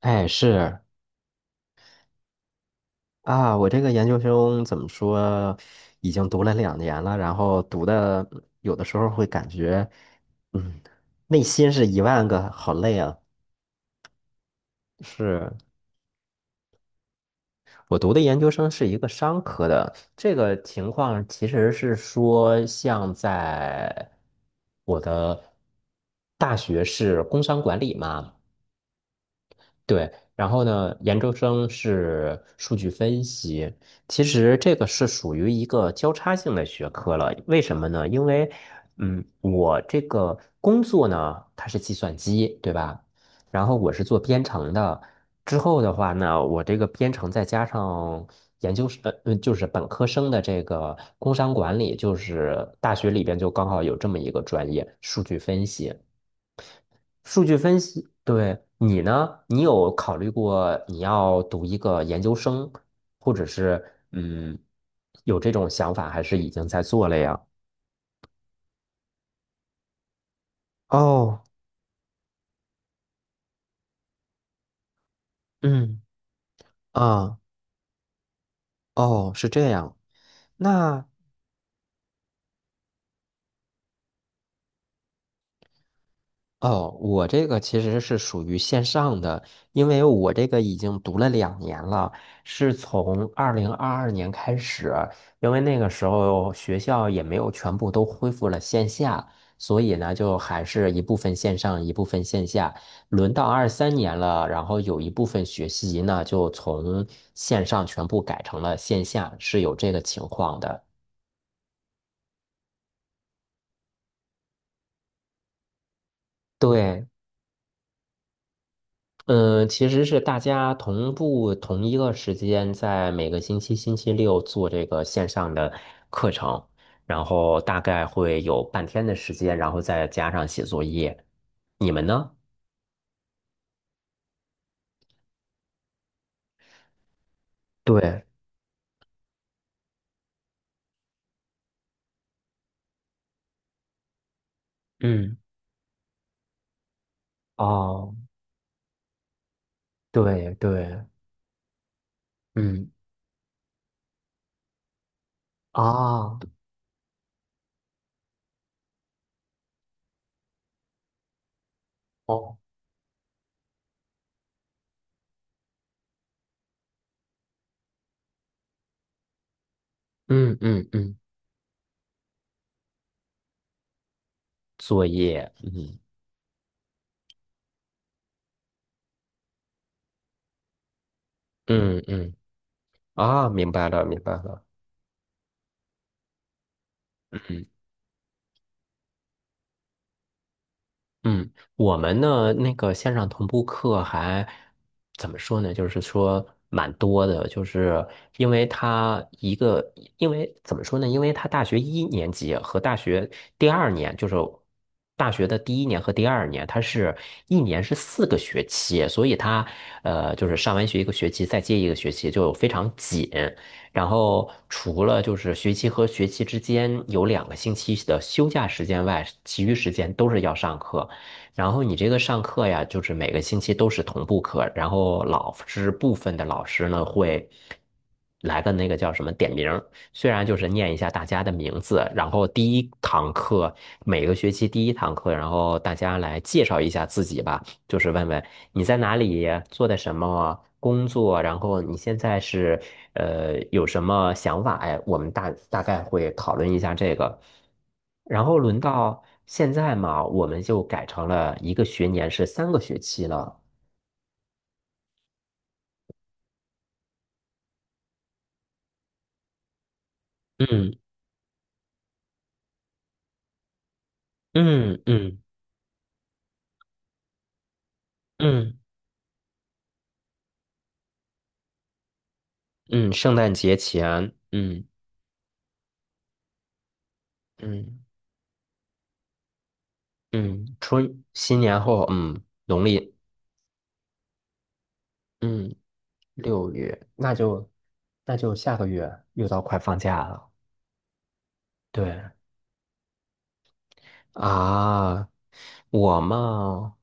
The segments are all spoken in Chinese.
哎，是啊，我这个研究生怎么说，已经读了两年了，然后读的有的时候会感觉，嗯，内心是一万个好累啊。是，我读的研究生是一个商科的，这个情况其实是说，像在我的大学是工商管理嘛。对，然后呢，研究生是数据分析，其实这个是属于一个交叉性的学科了。为什么呢？因为，嗯，我这个工作呢，它是计算机，对吧？然后我是做编程的，之后的话呢，我这个编程再加上研究生，就是本科生的这个工商管理，就是大学里边就刚好有这么一个专业，数据分析。数据分析，对，你呢？你有考虑过你要读一个研究生，或者是有这种想法，还是已经在做了呀？哦，嗯，啊，哦，是这样。那哦，我这个其实是属于线上的，因为我这个已经读了两年了，是从2022年开始，因为那个时候学校也没有全部都恢复了线下，所以呢，就还是一部分线上，一部分线下。轮到23年了，然后有一部分学习呢，就从线上全部改成了线下，是有这个情况的。对，嗯，其实是大家同步同一个时间，在每个星期星期六做这个线上的课程，然后大概会有半天的时间，然后再加上写作业。你们呢？对，嗯，哦，对对，嗯，啊，哦，嗯嗯嗯，作业，嗯嗯嗯，啊，明白了，明白了。嗯。嗯，我们呢那个线上同步课还怎么说呢？就是说蛮多的，就是因为他一个，因为怎么说呢？因为他大学一年级和大学第二年，就是大学的第一年和第二年，他是一年是4个学期，所以他就是上完学一个学期，再接一个学期就非常紧。然后除了就是学期和学期之间有2个星期的休假时间外，其余时间都是要上课。然后你这个上课呀，就是每个星期都是同步课，然后老师部分的老师呢会来个那个叫什么点名虽然就是念一下大家的名字，然后第一堂课每个学期第一堂课，然后大家来介绍一下自己吧。就是问问你在哪里做的什么工作，然后你现在是有什么想法？哎，我们大概会讨论一下这个。然后轮到现在嘛，我们就改成了一个学年是3个学期了。嗯嗯嗯嗯嗯，圣诞节前，嗯嗯嗯，春新年后，嗯，农历嗯6月，那就那就下个月又到快放假了。对，啊，我嘛，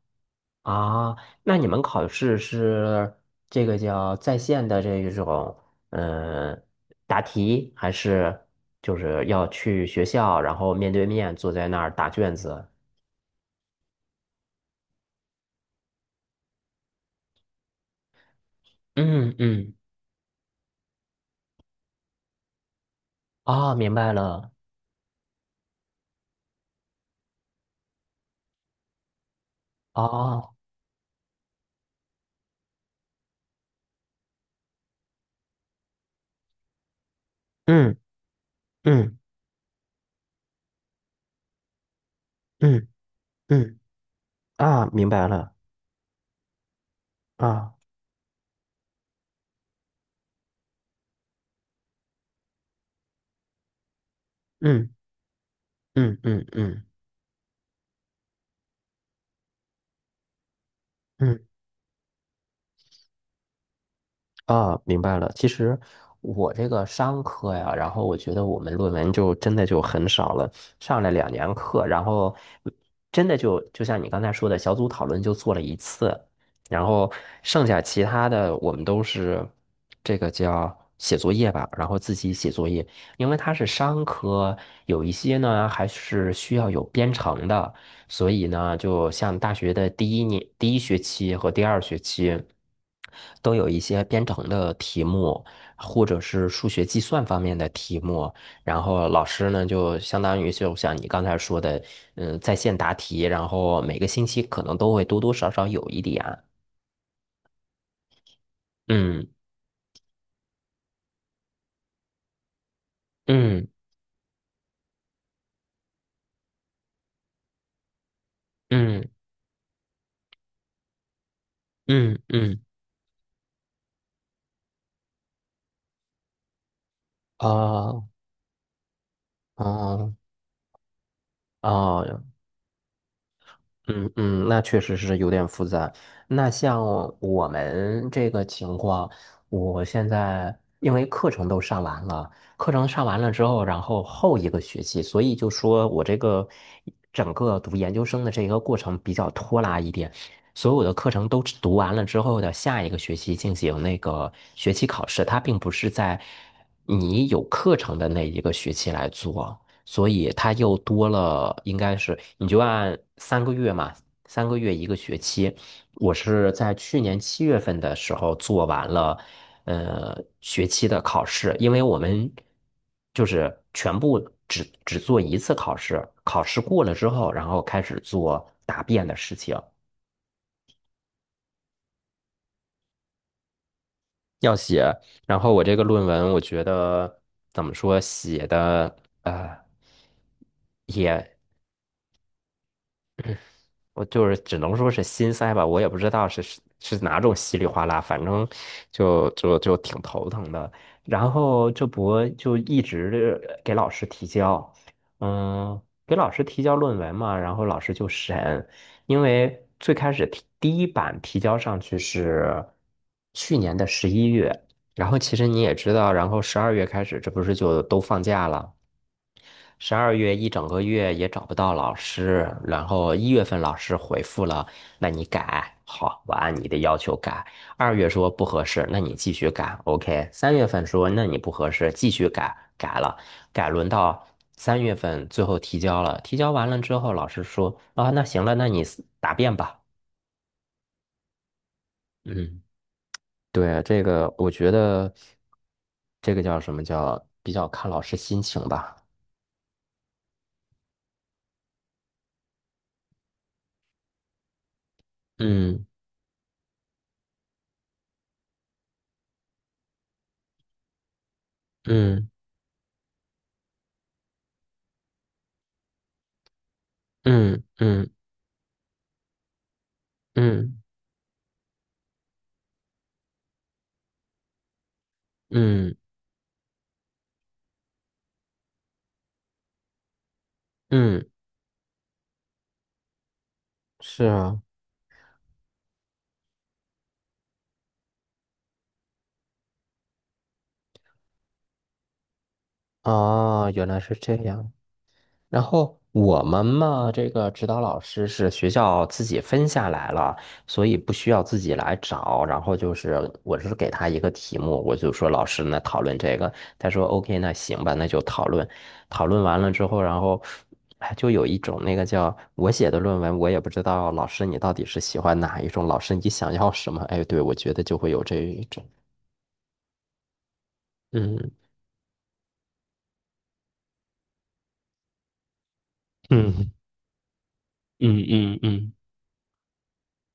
啊，那你们考试是这个叫在线的这一种，嗯，答题还是就是要去学校，然后面对面坐在那儿答卷子？嗯嗯，啊，明白了，哦，嗯嗯嗯嗯，嗯啊，明白了，啊，嗯嗯嗯嗯嗯啊，明白了。其实我这个商科呀，然后我觉得我们论文就真的就很少了，上了两年课，然后真的就就像你刚才说的，小组讨论就做了一次，然后剩下其他的我们都是这个叫写作业吧，然后自己写作业，因为它是商科，有一些呢还是需要有编程的。所以呢，就像大学的第一年、第一学期和第二学期，都有一些编程的题目，或者是数学计算方面的题目。然后老师呢，就相当于就像你刚才说的，嗯，在线答题，然后每个星期可能都会多多少少有一点。嗯嗯嗯嗯嗯，哦哦哦，啊嗯嗯，那确实是有点复杂。那像我们这个情况，我现在因为课程都上完了，课程上完了之后，然后后一个学期，所以就说我这个整个读研究生的这个过程比较拖拉一点。所有的课程都读完了之后的下一个学期进行那个学期考试，它并不是在你有课程的那一个学期来做。所以它又多了，应该是你就按三个月嘛，三个月一个学期。我是在去年7月份的时候做完了，学期的考试，因为我们就是全部只做一次考试，考试过了之后，然后开始做答辩的事情，要写。然后我这个论文，我觉得怎么说，写的呃。也。我就是只能说是心塞吧，我也不知道是哪种稀里哗啦，反正就挺头疼的。然后这不就一直给老师提交，嗯，给老师提交论文嘛，然后老师就审，因为最开始提第一版提交上去是去年的11月，然后其实你也知道，然后十二月开始，这不是就都放假了。十二月一整个月也找不到老师，然后1月份老师回复了，那你改，好，我按你的要求改。二月说不合适，那你继续改，OK。三月份说那你不合适，继续改，改了，改轮到三月份最后提交了，提交完了之后，老师说啊，那行了，那你答辩吧。嗯，对，这个我觉得这个叫什么叫比较看老师心情吧。嗯嗯嗯嗯嗯。嗯嗯，是啊，啊，原来是这样。然后我们嘛，这个指导老师是学校自己分下来了，所以不需要自己来找。然后就是，我是给他一个题目，我就说老师那讨论这个，他说 OK,那行吧，那就讨论。讨论完了之后，然后哎，就有一种那个叫我写的论文，我也不知道老师你到底是喜欢哪一种，老师你想要什么？哎，对，我觉得就会有这一种，嗯。嗯嗯嗯嗯。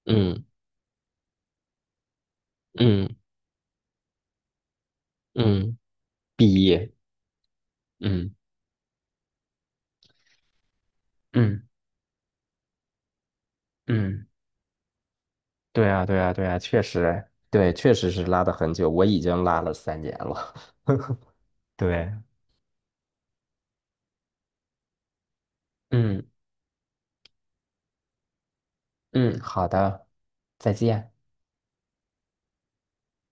嗯嗯嗯，毕业，嗯嗯嗯，对啊对啊对啊，确实哎，对，确实是拉的很久，我已经拉了三年了。对，嗯嗯，好的，再见。